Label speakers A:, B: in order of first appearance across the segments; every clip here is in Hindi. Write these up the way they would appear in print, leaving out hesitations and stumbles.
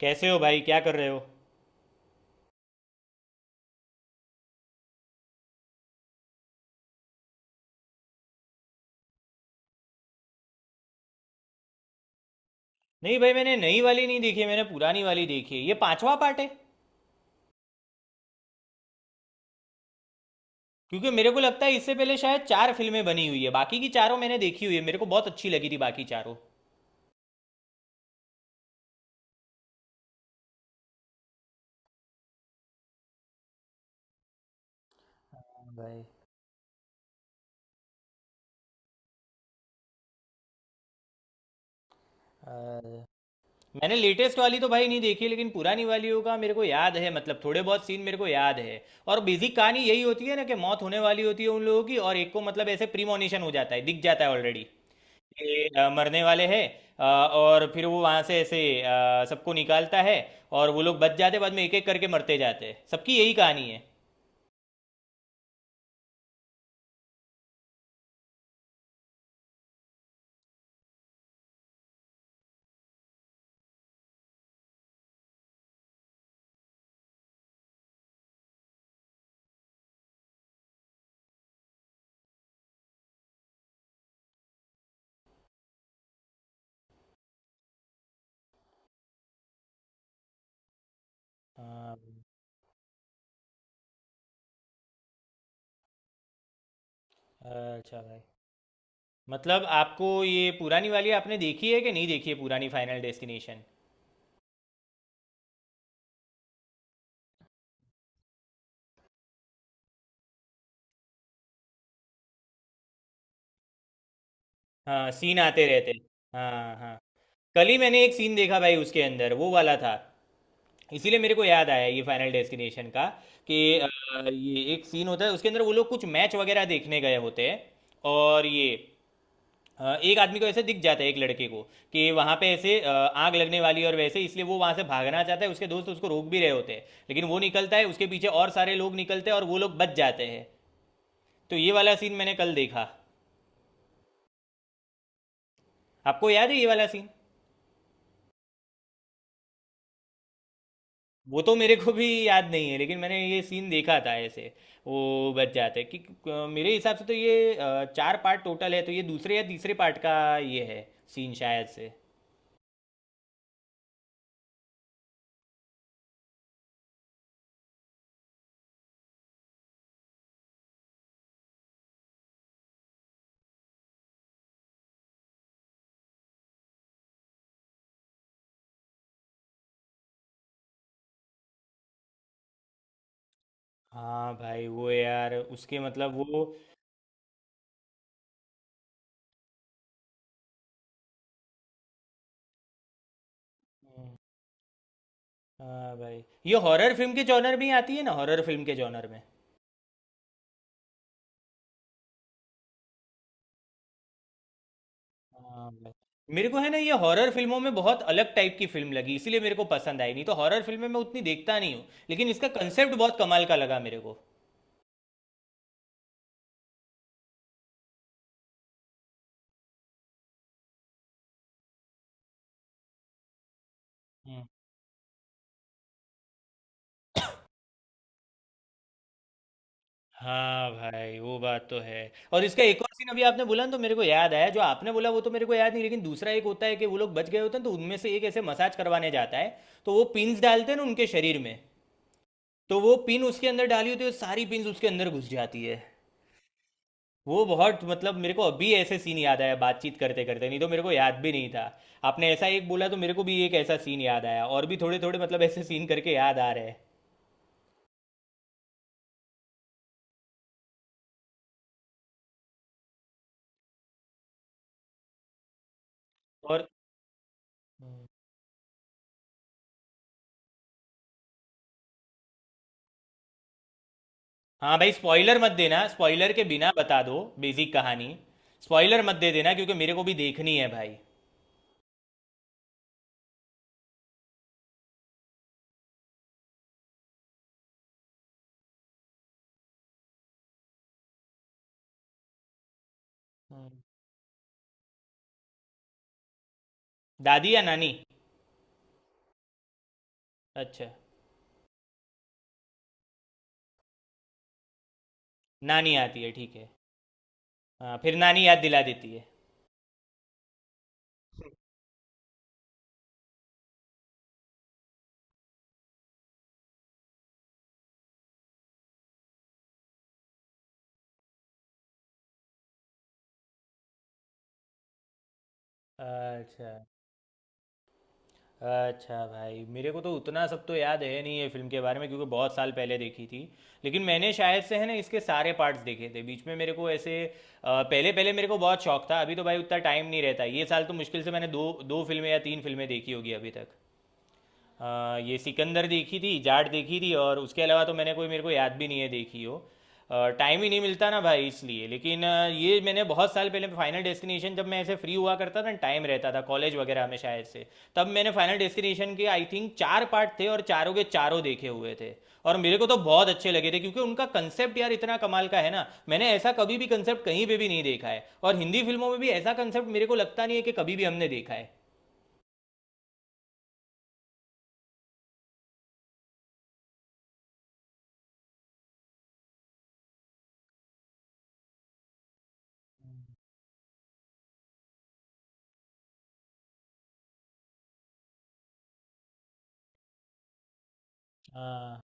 A: कैसे हो भाई? क्या कर रहे हो? नहीं भाई, मैंने नई वाली नहीं देखी है, मैंने पुरानी वाली देखी है। ये पांचवा पार्ट है। क्योंकि मेरे को लगता है इससे पहले शायद चार फिल्में बनी हुई है। बाकी की चारों मैंने देखी हुई है, मेरे को बहुत अच्छी लगी थी बाकी चारों। हाँ भाई। अरे। मैंने लेटेस्ट वाली तो भाई नहीं देखी, लेकिन पुरानी वालियों का मेरे को याद है, मतलब थोड़े बहुत सीन मेरे को याद है। और बेसिक कहानी यही होती है ना, कि मौत होने वाली होती है उन लोगों की, और एक को मतलब ऐसे प्रीमोनिशन हो जाता है, दिख जाता है ऑलरेडी के, मरने वाले हैं। और फिर वो वहां से ऐसे सबको निकालता है। और वो लोग बच जाते, बाद में एक एक करके मरते जाते हैं। सबकी यही कहानी है। हाँ भाई। अच्छा भाई। मतलब आपको ये पुरानी वाली आपने देखी है कि नहीं देखी है पुरानी फाइनल डेस्टिनेशन? हाँ सीन आते रहते हैं। हाँ हाँ। कल ही मैंने एक सीन देखा भाई, उसके अंदर वो वाला था। इसीलिए मेरे को याद आया ये फाइनल डेस्टिनेशन का कि ये एक सीन होता है उसके अंदर, वो लोग कुछ मैच वगैरह देखने गए होते हैं। और ये एक आदमी को ऐसे दिख जाता है, एक लड़के को। कि वहां पे ऐसे आग लगने वाली है, और वैसे इसलिए वो वहां से भागना चाहता है, उसके दोस्त उसको रोक भी रहे होते हैं। लेकिन वो निकलता है, उसके पीछे और सारे लोग निकलते हैं, और वो लोग बच जाते हैं। तो ये वाला सीन मैंने कल देखा। आपको याद है ये वाला सीन? वो तो मेरे को भी याद नहीं है, लेकिन मैंने ये सीन देखा था ऐसे। वो बच जाते हैं कि मेरे हिसाब से तो ये चार पार्ट टोटल है, तो ये दूसरे या तीसरे पार्ट का ये है। सीन शायद से। हाँ भाई वो यार उसके मतलब वो। हाँ भाई, ये हॉरर फिल्म के जॉनर में ही आती है ना, हॉरर फिल्म के जॉनर में। हाँ भाई, मेरे को है ना, ये हॉरर फिल्मों में बहुत अलग टाइप की फिल्म लगी, इसीलिए मेरे को पसंद आई। नहीं तो हॉरर फिल्में मैं उतनी देखता नहीं हूँ। लेकिन इसका कंसेप्ट बहुत कमाल का लगा मेरे को। हम्म। हाँ भाई, वो बात तो है। और इसका एक और सीन अभी आपने बोला ना, तो मेरे को याद आया। जो आपने बोला वो तो मेरे को याद नहीं, लेकिन दूसरा एक होता है कि वो लोग बच गए होते हैं, तो उनमें से एक ऐसे मसाज करवाने जाता है। तो वो पिन्स डालते हैं ना उनके शरीर में। तो वो पिन उसके अंदर डाली होती है, सारी पिन्स उसके अंदर घुस जाती है। वो बहुत मतलब, मेरे को अभी ऐसे सीन याद आया बातचीत करते करते, नहीं तो मेरे को याद भी नहीं था। आपने ऐसा एक बोला तो मेरे को भी एक ऐसा सीन याद आया, और भी थोड़े थोड़े मतलब ऐसे सीन करके याद आ रहे हैं। और। हाँ भाई, स्पॉइलर मत देना। स्पॉइलर के बिना बता दो बेसिक कहानी। स्पॉइलर मत दे देना, क्योंकि मेरे को भी देखनी है भाई। हम्म। दादी या नानी? अच्छा। नानी आती है, ठीक है। हाँ, फिर नानी याद दिला देती है। अच्छा। अच्छा भाई, मेरे को तो उतना सब तो याद है नहीं ये फिल्म के बारे में, क्योंकि बहुत साल पहले देखी थी। लेकिन मैंने शायद से है ना, इसके सारे पार्ट्स देखे थे बीच में, मेरे को ऐसे पहले पहले मेरे को बहुत शौक था। अभी तो भाई उतना टाइम नहीं रहता। ये साल तो मुश्किल से मैंने दो दो फिल्में या तीन फिल्में देखी होगी अभी तक। ये सिकंदर देखी थी, जाट देखी थी, और उसके अलावा तो मैंने कोई, मेरे को याद भी नहीं है देखी हो। टाइम ही नहीं मिलता ना भाई इसलिए। लेकिन ये मैंने बहुत साल पहले फाइनल डेस्टिनेशन जब मैं ऐसे फ्री हुआ करता था, टाइम रहता था कॉलेज वगैरह में शायद से, तब मैंने फाइनल डेस्टिनेशन के आई थिंक चार पार्ट थे, और चारों के चारों देखे हुए थे। और मेरे को तो बहुत अच्छे लगे थे, क्योंकि उनका कंसेप्ट यार इतना कमाल का है ना। मैंने ऐसा कभी भी कंसेप्ट कहीं पे भी नहीं देखा है, और हिंदी फिल्मों में भी ऐसा कंसेप्ट मेरे को लगता नहीं है कि कभी भी हमने देखा है। हाँ।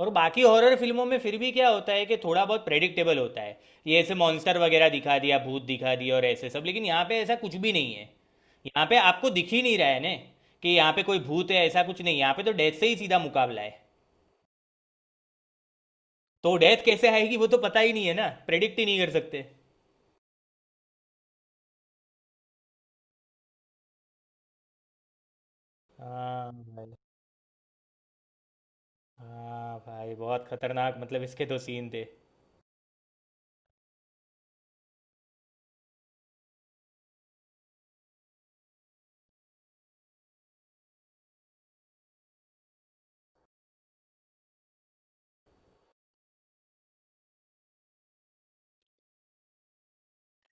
A: और बाकी हॉरर फिल्मों में फिर भी क्या होता है कि थोड़ा बहुत प्रेडिक्टेबल होता है। ये ऐसे मॉन्स्टर वगैरह दिखा दिया, भूत दिखा दिया और ऐसे सब। लेकिन यहाँ पे ऐसा कुछ भी नहीं है। यहाँ पे आपको दिख ही नहीं रहा है ने, कि यहाँ पे कोई भूत है, ऐसा कुछ नहीं। यहाँ पे तो डेथ से ही सीधा मुकाबला है। तो डेथ कैसे आएगी वो तो पता ही नहीं है ना, प्रेडिक्ट ही नहीं कर सकते। हाँ भाई। हाँ भाई बहुत खतरनाक, मतलब इसके तो सीन थे।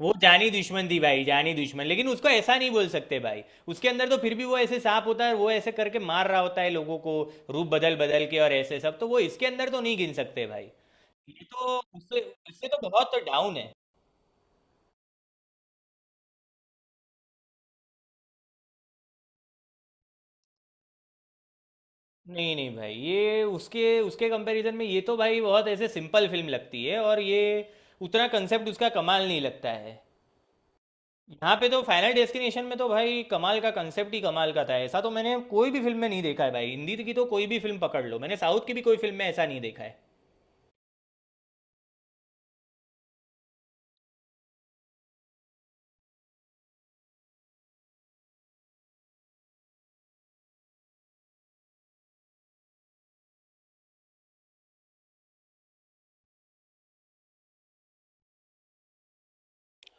A: वो जानी दुश्मन थी भाई, जानी दुश्मन, लेकिन उसको ऐसा नहीं बोल सकते भाई। उसके अंदर तो फिर भी वो ऐसे सांप होता है, वो ऐसे करके मार रहा होता है लोगों को। रूप बदल बदल के और ऐसे सब, तो वो इसके अंदर तो नहीं गिन सकते भाई। ये तो उससे उससे तो बहुत डाउन है। नहीं नहीं भाई, ये उसके उसके कंपैरिजन में ये तो भाई बहुत ऐसे सिंपल फिल्म लगती है, और ये उतना कंसेप्ट उसका कमाल नहीं लगता है। यहाँ पे तो फाइनल डेस्टिनेशन में तो भाई कमाल का कंसेप्ट ही कमाल का था। ऐसा तो मैंने कोई भी फिल्म में नहीं देखा है भाई, हिंदी की तो कोई भी फिल्म पकड़ लो। मैंने साउथ की भी कोई फिल्म में ऐसा नहीं देखा है।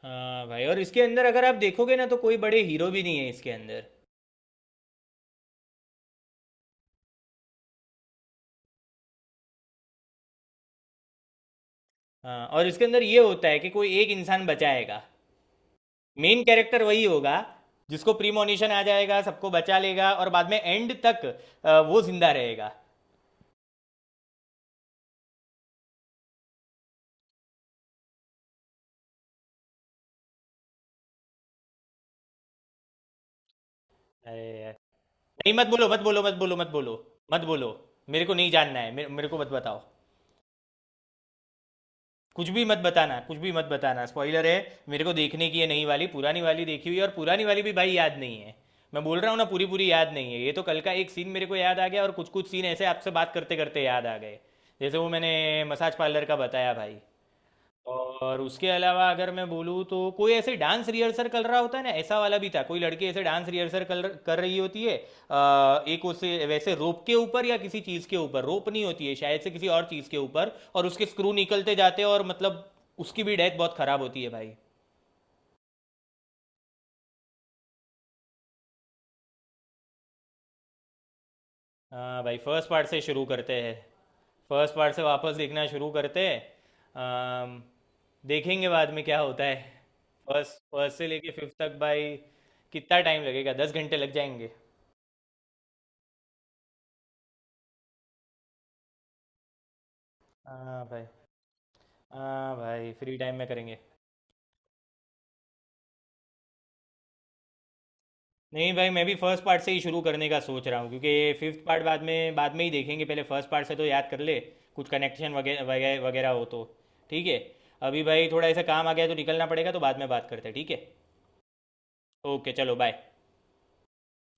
A: हाँ भाई, और इसके अंदर अगर आप देखोगे ना, तो कोई बड़े हीरो भी नहीं है इसके अंदर। हाँ, और इसके अंदर ये होता है कि कोई एक इंसान बचाएगा। मेन कैरेक्टर वही होगा। जिसको प्रीमोनिशन आ जाएगा, सबको बचा लेगा और बाद में एंड तक वो जिंदा रहेगा। अरे यार। नहीं, मत बोलो मत बोलो मत बोलो मत बोलो मत बोलो। मेरे को नहीं जानना है। मेरे को मत बताओ। कुछ भी मत बताना, कुछ भी मत बताना, स्पॉइलर है। मेरे को देखने की है नई वाली, पुरानी वाली देखी हुई है, और पुरानी वाली भी भाई याद नहीं है। मैं बोल रहा हूँ ना, पूरी पूरी याद नहीं है। ये तो कल का एक सीन मेरे को याद आ गया, और कुछ कुछ सीन ऐसे आपसे बात करते करते याद आ गए। जैसे वो मैंने मसाज पार्लर का बताया भाई। और उसके अलावा अगर मैं बोलूँ तो कोई ऐसे डांस रिहर्सल कर रहा होता है ना, ऐसा वाला भी था। कोई लड़की ऐसे डांस रिहर्सल कर कर रही होती है। एक उसे वैसे रोप के ऊपर या किसी चीज़ के ऊपर, रोप नहीं होती है शायद से, किसी और चीज़ के ऊपर, और उसके स्क्रू निकलते जाते हैं, और मतलब उसकी भी डेथ बहुत ख़राब होती है भाई। हाँ भाई, फर्स्ट पार्ट से शुरू करते हैं। फर्स्ट पार्ट से वापस देखना शुरू करते हैं। अम, देखेंगे बाद में क्या होता है। फर्स्ट फर्स्ट से लेके फिफ्थ तक भाई। कितना टाइम लगेगा? 10 घंटे लग जाएंगे। हाँ भाई। हाँ भाई, फ्री टाइम में करेंगे। नहीं भाई, मैं भी फर्स्ट पार्ट से ही शुरू करने का सोच रहा हूँ। क्योंकि ये फिफ्थ पार्ट बाद में ही देखेंगे, पहले फर्स्ट पार्ट से तो याद कर ले। कुछ कनेक्शन वगैरह वगैरह वगैरह हो तो। ठीक है। अभी भाई थोड़ा ऐसा काम आ गया है, तो निकलना पड़ेगा, तो बाद में बात करते हैं ठीक है। ओके चलो बाय।